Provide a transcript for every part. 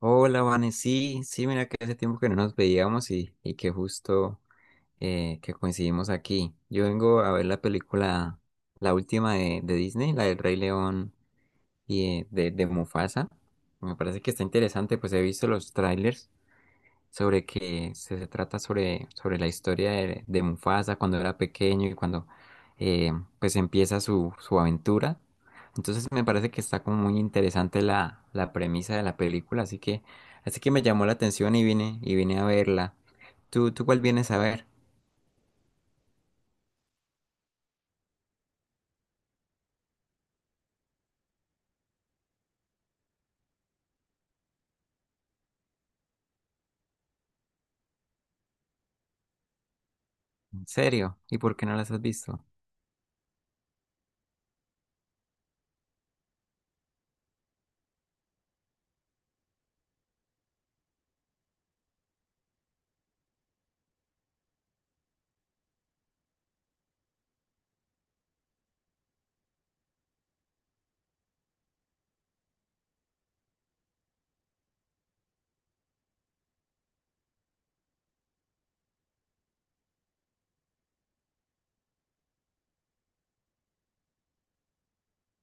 Hola, Vane. Sí, sí, mira que hace tiempo que no nos veíamos y que justo que coincidimos aquí. Yo vengo a ver la película, la última de Disney, la del Rey León y de Mufasa. Me parece que está interesante, pues he visto los trailers sobre que se trata sobre la historia de Mufasa cuando era pequeño y cuando eh, pues empieza su aventura. Entonces me parece que está como muy interesante la premisa de la película, así que me llamó la atención y vine a verla. ¿Tú cuál vienes a ver? ¿En serio? ¿Y por qué no las has visto?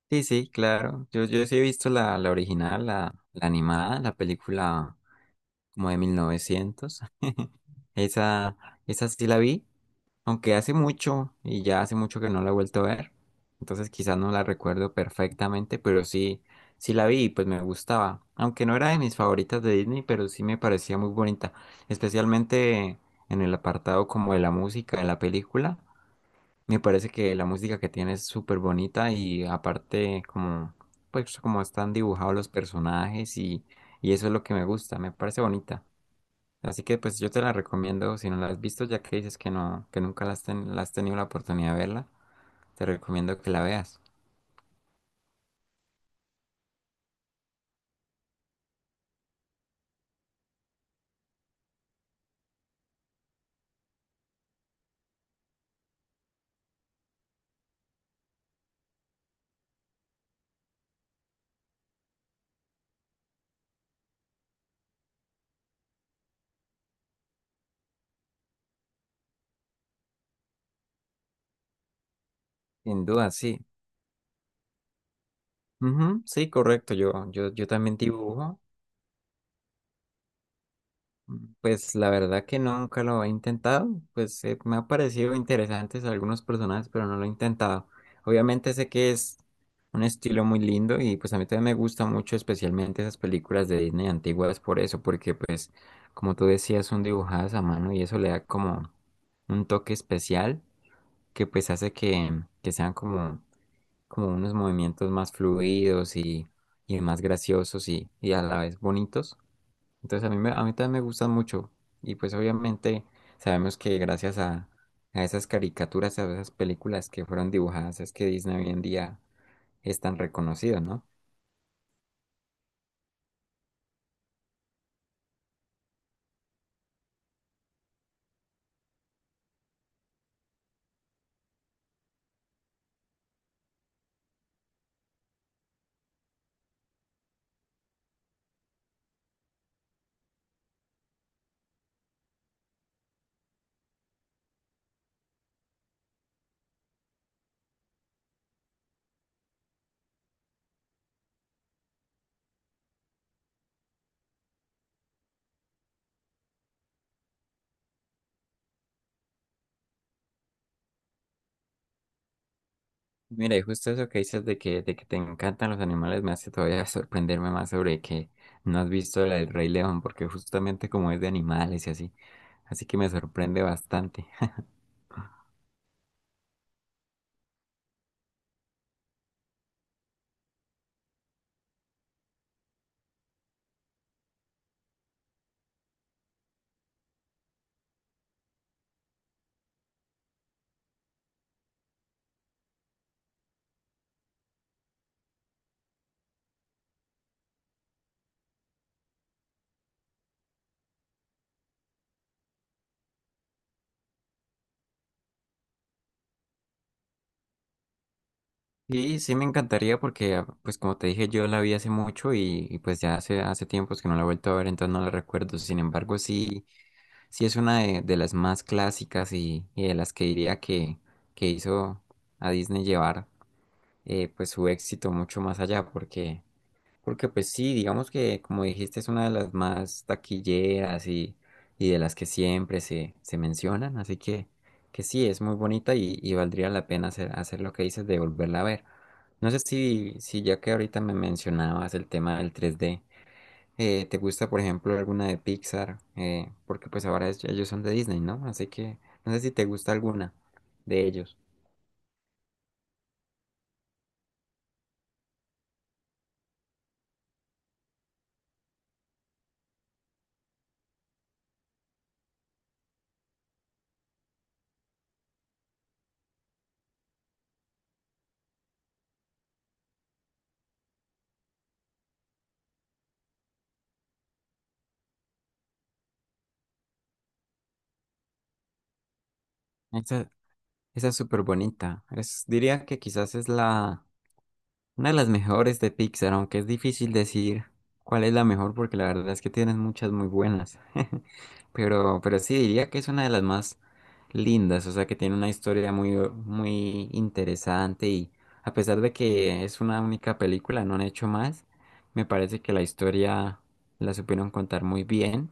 Sí, sí, claro. Yo sí he visto la original, la animada, la película como de mil novecientos. Esa, esa sí la vi, aunque hace mucho y ya hace mucho que no la he vuelto a ver. Entonces quizás no la recuerdo perfectamente, pero sí, sí la vi y pues me gustaba. Aunque no era de mis favoritas de Disney, pero sí me parecía muy bonita. Especialmente en el apartado como de la música de la película. Me parece que la música que tiene es súper bonita y aparte como, pues como están dibujados los personajes y eso es lo que me gusta, me parece bonita. Así que pues yo te la recomiendo, si no la has visto, ya que dices que no, que nunca la has tenido la oportunidad de verla, te recomiendo que la veas. Sin duda, sí. Ujú, sí, correcto. Yo también dibujo. Pues la verdad que no, nunca lo he intentado, pues me ha parecido interesantes algunos personajes, pero no lo he intentado. Obviamente sé que es un estilo muy lindo y pues a mí también me gusta mucho especialmente esas películas de Disney antiguas por eso, porque pues como tú decías son dibujadas a mano y eso le da como un toque especial que pues hace que sean como, como unos movimientos más fluidos y más graciosos y a la vez bonitos. Entonces a a mí también me gustan mucho. Y pues obviamente sabemos que gracias a esas caricaturas, a esas películas que fueron dibujadas, es que Disney hoy en día es tan reconocido, ¿no? Mira, y justo eso que dices de de que te encantan los animales me hace todavía sorprenderme más sobre que no has visto la del Rey León, porque justamente como es de animales y así. Así que me sorprende bastante. Sí, sí me encantaría porque, ah, pues como te dije, yo la vi hace mucho pues ya hace tiempos que no la he vuelto a ver, entonces no la recuerdo. Sin embargo, sí, sí es una de las más clásicas y de las que diría que hizo a Disney llevar pues su éxito mucho más allá, porque pues sí, digamos que como dijiste es una de las más taquilleras y de las que siempre se mencionan, que sí, es muy bonita y valdría la pena hacer lo que dices de volverla a ver. No sé si ya que ahorita me mencionabas el tema del 3D, ¿te gusta por ejemplo alguna de Pixar? Porque pues ahora ellos son de Disney, ¿no? Así que no sé si te gusta alguna de ellos. Esa, esa es súper bonita. Es, diría que quizás es la... Una de las mejores de Pixar, aunque es difícil decir cuál es la mejor porque la verdad es que tienes muchas muy buenas. Pero sí diría que es una de las más lindas, o sea que tiene una historia muy interesante y a pesar de que es una única película, no han hecho más, me parece que la historia la supieron contar muy bien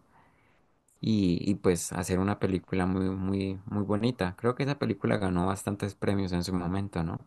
y pues hacer una película muy, muy, muy bonita. Creo que esa película ganó bastantes premios en su momento, ¿no?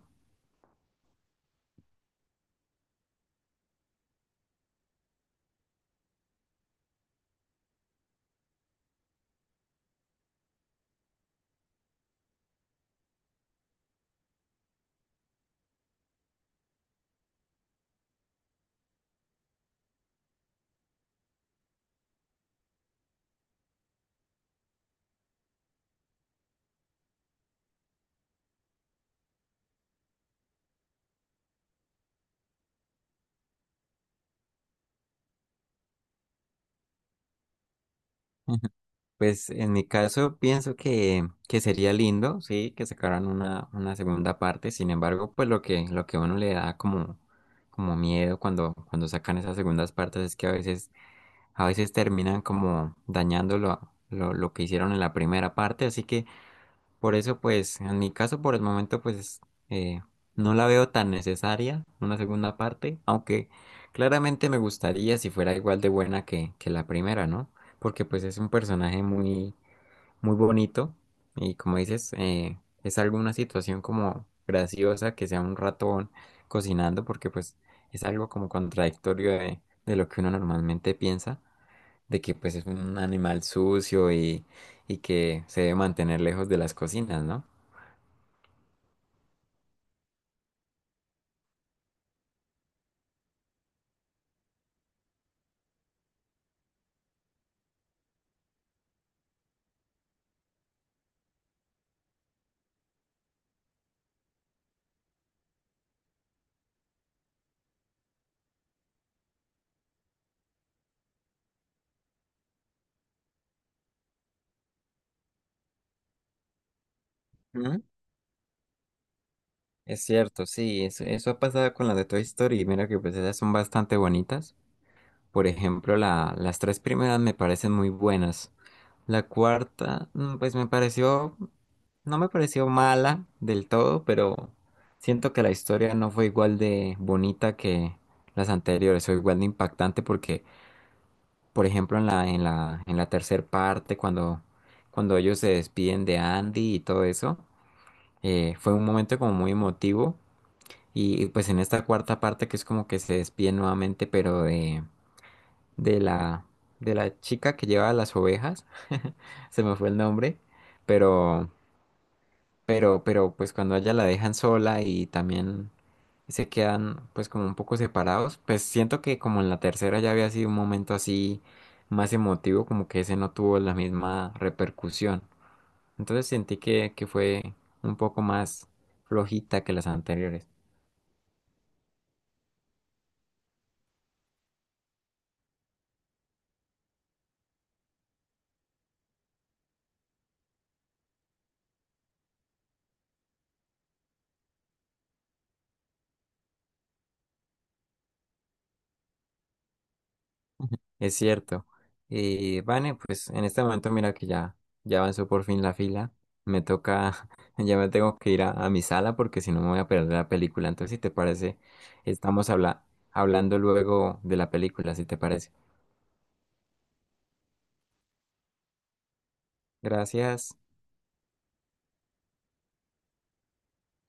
Pues en mi caso pienso que sería lindo, sí, que sacaran una segunda parte. Sin embargo, pues lo lo que a uno le da como, como miedo cuando sacan esas segundas partes es que a veces terminan como dañando lo que hicieron en la primera parte. Así que por eso, pues, en mi caso, por el momento, pues, eh, no la veo tan necesaria, una segunda parte, aunque claramente me gustaría si fuera igual de buena que la primera, ¿no? Porque pues es un personaje muy muy bonito y como dices, es alguna situación como graciosa que sea un ratón cocinando porque pues es algo como contradictorio de lo que uno normalmente piensa, de que pues es un animal sucio y que se debe mantener lejos de las cocinas, ¿no? Ujú. Es cierto, sí, eso ha pasado con las de Toy Story y mira que pues esas son bastante bonitas. Por ejemplo, las tres primeras me parecen muy buenas. La cuarta, mm, pues me pareció, no me pareció mala del todo, pero siento que la historia no fue igual de bonita que las anteriores, o igual de impactante porque, por ejemplo, en la tercer parte, cuando ellos se despiden de Andy y todo eso, fue un momento como muy emotivo. Pues en esta cuarta parte que es como que se despiden nuevamente, pero de la, de la chica que lleva las ovejas, se me fue el nombre, pero, pero pues cuando a ella la dejan sola y también se quedan pues como un poco separados, pues siento que como en la tercera ya había sido un momento así más emotivo, como que ese no tuvo la misma repercusión. Entonces sentí que fue un poco más flojita que las anteriores. Es cierto. Y Vane, pues en este momento mira que ya, ya avanzó por fin la fila. Me toca, ya me tengo que ir a mi sala porque si no me voy a perder la película. Entonces, si te parece, estamos hablando luego de la película, si te parece. Gracias.